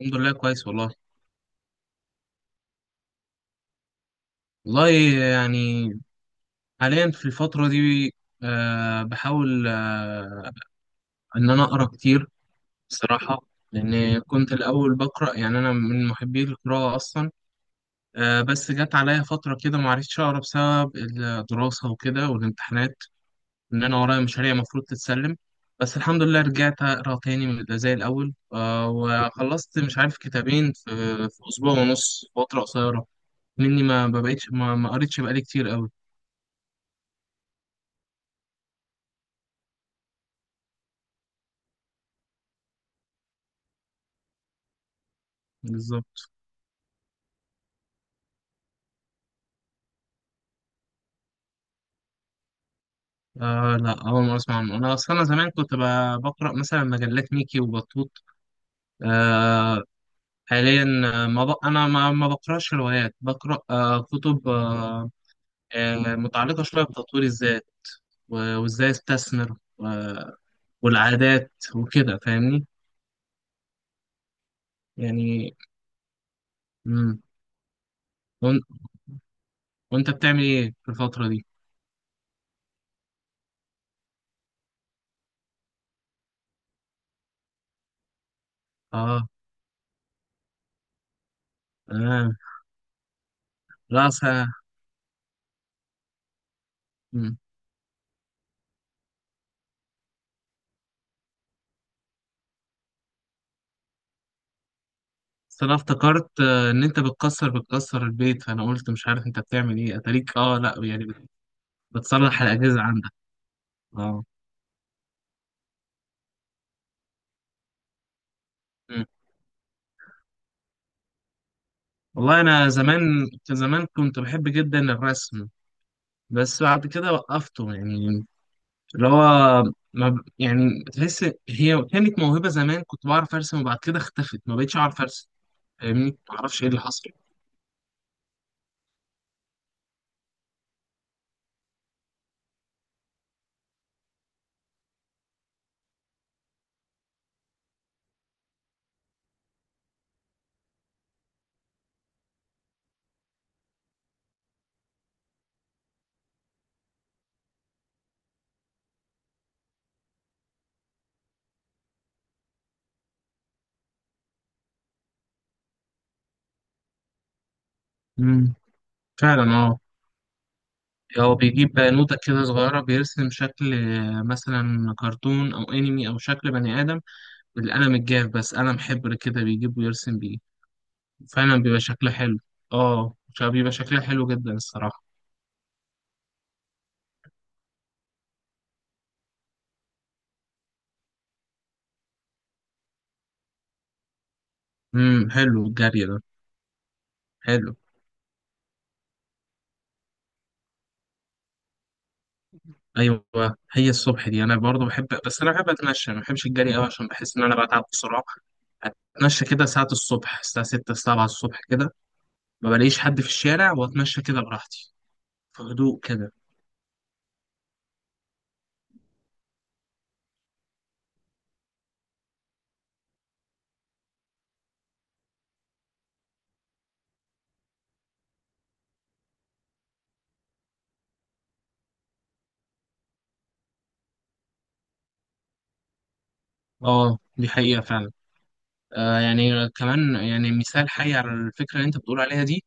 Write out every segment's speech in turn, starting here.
الحمد لله، كويس والله. يعني حاليا في الفترة دي، بحاول، إن أنا أقرأ كتير بصراحة. لأن كنت الأول بقرأ، يعني أنا من محبي القراءة أصلا. بس جت عليا فترة كده معرفتش أقرأ بسبب الدراسة وكده والامتحانات، إن أنا ورايا مشاريع المفروض تتسلم. بس الحمد لله رجعت أقرأ تاني، زي الأول. وخلصت مش عارف كتابين في أسبوع ونص، فترة قصيرة مني. ما بقيتش ما قريتش بقالي كتير أوي. بالظبط. آه، لا، أول مرة أسمع عنه. أنا أصلا أنا زمان كنت بقرأ مثلا مجلات ميكي وبطوط. آه. حاليا، ما ب... أنا ما بقرأش روايات، بقرأ آه كتب آه، آه متعلقة شوية بتطوير الذات، و- وإزاي أستثمر و... والعادات وكده، فاهمني؟ يعني. مم. وإن- وأنت بتعمل إيه في الفترة دي؟ آه. تمام. لا، أصل. مم. أصل أنا افتكرت، إن أنت بتكسر البيت، فأنا قلت مش عارف أنت بتعمل إيه، أتاريك آه لأ، يعني بتصلح الأجهزة عندك. اه. مم. والله أنا زمان كان زمان كنت بحب جدا الرسم. بس بعد كده وقفته، يعني اللي هو ما ب... يعني تحس. هي كانت موهبة زمان، كنت بعرف أرسم، وبعد كده اختفت، ما بقتش أعرف أرسم، فاهمني؟ ما أعرفش إيه اللي حصل. مم. فعلا، اه. هو بيجيب بنوتة كده صغيرة بيرسم شكل، مثلا كرتون أو أنمي أو شكل بني آدم، بالقلم الجاف بس، قلم حبر كده بيجيب ويرسم بيه. فعلا بيبقى شكلها حلو. اه، بيبقى شكلها حلو جدا الصراحة. حلو الجري ده. حلو، ايوه. هي الصبح دي انا برضو بحب، بس انا بحب اتمشى، ما بحبش الجري قوي عشان بحس ان انا بتعب بسرعة. اتمشى كده ساعة الصبح، الساعة 6 7 الصبح كده. ما بلاقيش حد في الشارع، واتمشى كده براحتي، في هدوء كده. اه، دي حقيقة فعلا. يعني كمان، يعني مثال حي على الفكرة اللي انت بتقول عليها دي.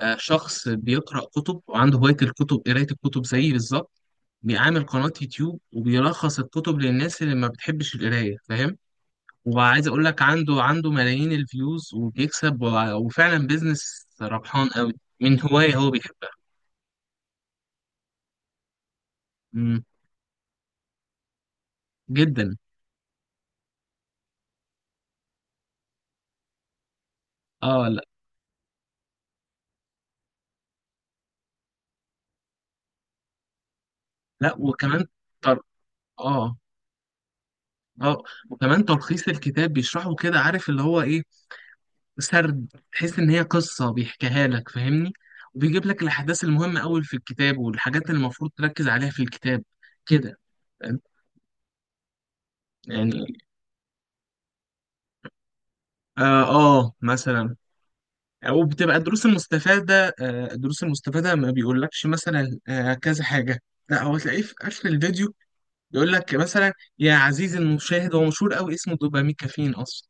شخص بيقرأ كتب وعنده هواية الكتب، قراية الكتب زيي بالظبط، بيعمل قناة يوتيوب وبيلخص الكتب للناس اللي ما بتحبش القراية، فاهم؟ وعايز اقول لك، عنده ملايين الفيوز وبيكسب، و- وفعلا بيزنس ربحان قوي، من هواية هو بيحبها. مم. جدا. اه، لا. لا، وكمان تر... اه، اه. وكمان تلخيص الكتاب بيشرحه كده، عارف اللي هو ايه، سرد، تحس ان هي قصة بيحكيها لك، فاهمني؟ وبيجيب لك الاحداث المهمة قوي في الكتاب، والحاجات اللي المفروض تركز عليها في الكتاب كده. فاهم؟ يعني اه، مثلا. او بتبقى الدروس المستفاده، الدروس المستفاده ما بيقولكش مثلا كذا حاجه. لا، هو تلاقيه في اخر الفيديو يقول لك مثلا: يا عزيزي المشاهد، هو مشهور قوي، اسمه دوبامين كافيين اصلا.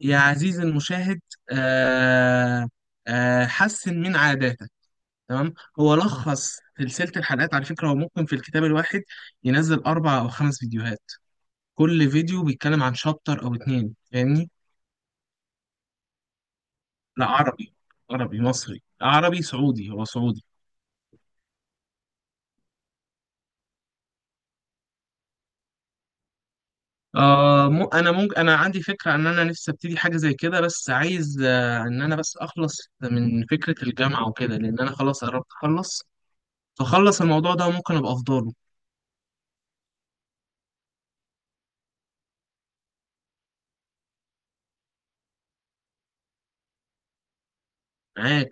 يا عزيزي المشاهد، آه، حسن من عاداتك، تمام. هو لخص سلسله الحلقات على فكره. هو ممكن في الكتاب الواحد ينزل اربع او خمس فيديوهات، كل فيديو بيتكلم عن شابتر او اتنين، فاهمني؟ لا، عربي. عربي مصري، عربي سعودي، هو سعودي. انا عندي فكره ان انا نفسي ابتدي حاجه زي كده، بس عايز ان انا بس اخلص من فكره الجامعه وكده، لان انا خلاص قربت اخلص، فخلص الموضوع ده ممكن ابقى افضله. معاك.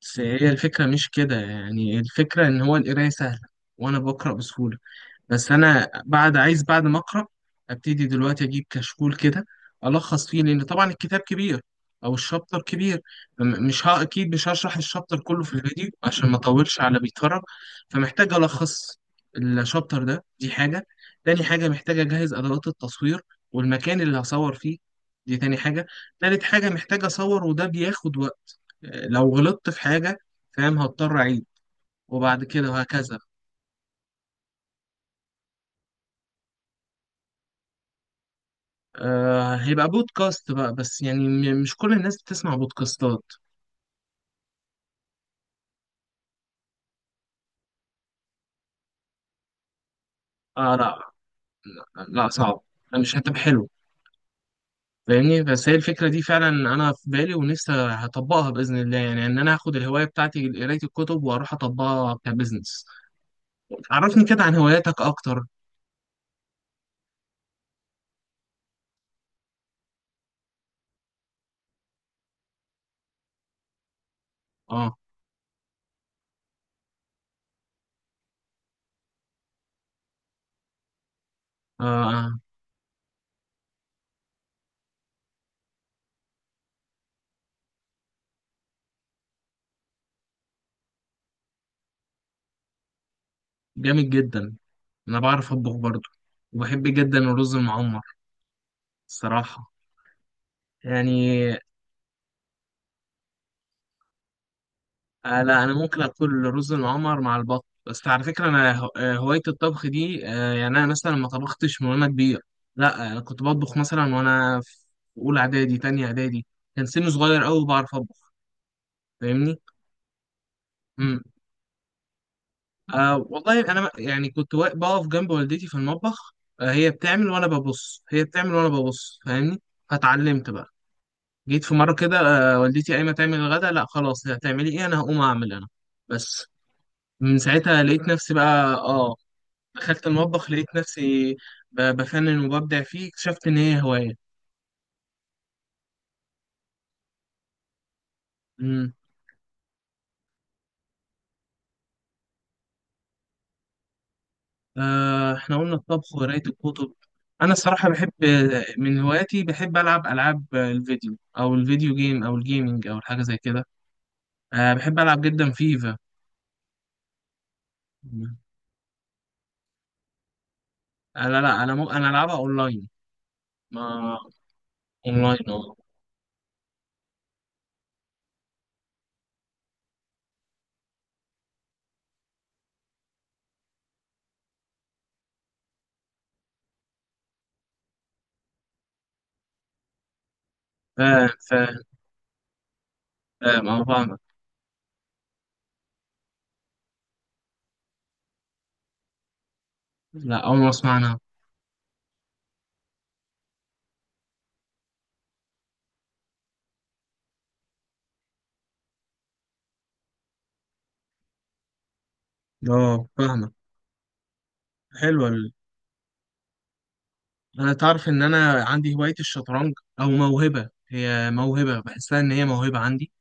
بس هي الفكره مش كده، يعني الفكره ان هو القرايه سهله، وانا بقرا بسهوله، بس انا بعد عايز، بعد ما اقرا، ابتدي دلوقتي اجيب كشكول كده الخص فيه، لان طبعا الكتاب كبير او الشابتر كبير. م- مش ها اكيد مش هشرح الشابتر كله في الفيديو عشان ما اطولش على بيتفرج. فمحتاج الخص الشابتر ده، دي حاجه. تاني حاجه محتاج اجهز ادوات التصوير والمكان اللي هصور فيه، دي تاني حاجه. تالت حاجه محتاج اصور، وده بياخد وقت، لو غلطت في حاجه فاهم هضطر اعيد، وبعد كده وهكذا. هيبقى بودكاست بقى، بس يعني مش كل الناس بتسمع بودكاستات. لا. لا، صعب، مش هتبقى حلو، فاهمني؟ بس هي الفكرة دي فعلا أنا في بالي ونفسي هطبقها بإذن الله، يعني إن أنا هاخد الهواية بتاعتي قراية الكتب وأروح أطبقها كبزنس. عرفني كده عن هواياتك أكتر. آه, آه جامد جدا. أنا بعرف أطبخ برضه، وبحب جدا الرز المعمر الصراحة، يعني. آه، لا، انا ممكن اكل رز معمر مع البط. بس على فكره انا هو- آه، هوايه الطبخ دي، يعني انا مثلا ما طبختش من وانا كبير. لا، انا كنت بطبخ مثلا وانا في اولى اعدادي، تانية اعدادي، كان سني صغير قوي بعرف اطبخ، فاهمني؟ امم والله انا يعني كنت بقف جنب والدتي في المطبخ. هي بتعمل وانا ببص، هي بتعمل وانا ببص، فاهمني؟ فاتعلمت بقى. جيت في مره كده، والدتي قايمه تعمل الغدا، لا خلاص هتعملي ايه، انا هقوم اعمل انا بس. من ساعتها لقيت نفسي بقى، اه، دخلت المطبخ لقيت نفسي بفنن وببدع فيه، اكتشفت إن هي هواية. مم. إحنا قلنا الطبخ وقراية الكتب. أنا الصراحة بحب، من هواياتي بحب ألعب ألعاب الفيديو، أو الفيديو جيم أو الجيمينج أو حاجة زي كده. بحب ألعب جدا فيفا. مم. أنا، لا، أنا مو... أنا ألعبها أونلاين. ما أونلاين، أه. فاهم أه، فاهمك. لا، أول ما أسمع عنها. أه، فاهمك. حلوة. انا تعرف ان انا عندي هواية الشطرنج، او موهبة، هي موهبة بحسها ان هي موهبة عندي.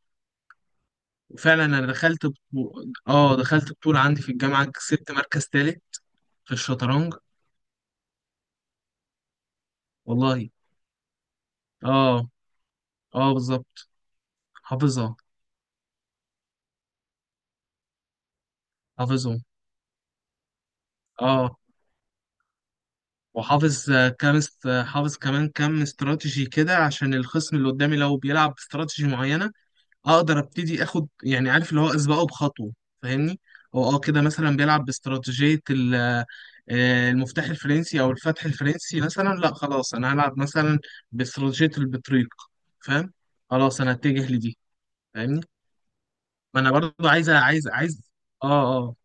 وفعلا انا دخلت بطولة عندي في الجامعة، كسبت مركز تالت في الشطرنج. والله، اه. اه، بالظبط. حافظها. حافظهم. اه، وحافظ حافظ كمان كام استراتيجي كده، عشان الخصم اللي قدامي لو بيلعب باستراتيجي معينة، اقدر ابتدي اخد، يعني عارف اللي هو اسبقه بخطوه، فاهمني؟ هو كده مثلا بيلعب باستراتيجيه المفتاح الفرنسي او الفتح الفرنسي مثلا، لا خلاص انا هلعب مثلا باستراتيجيه البطريق، فاهم؟ خلاص انا اتجه لدي، فاهمني؟ ما انا برضو عايز، اه، اه.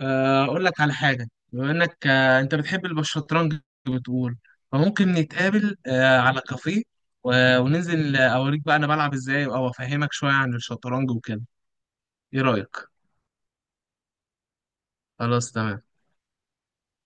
اقول لك على حاجه بما انك، انت بتحب الشطرنج، بتقول، فممكن نتقابل على كافيه، و- وننزل اوريك بقى انا بلعب ازاي او افهمك شويه عن الشطرنج وكده. ايه رأيك؟ خلاص، تمام.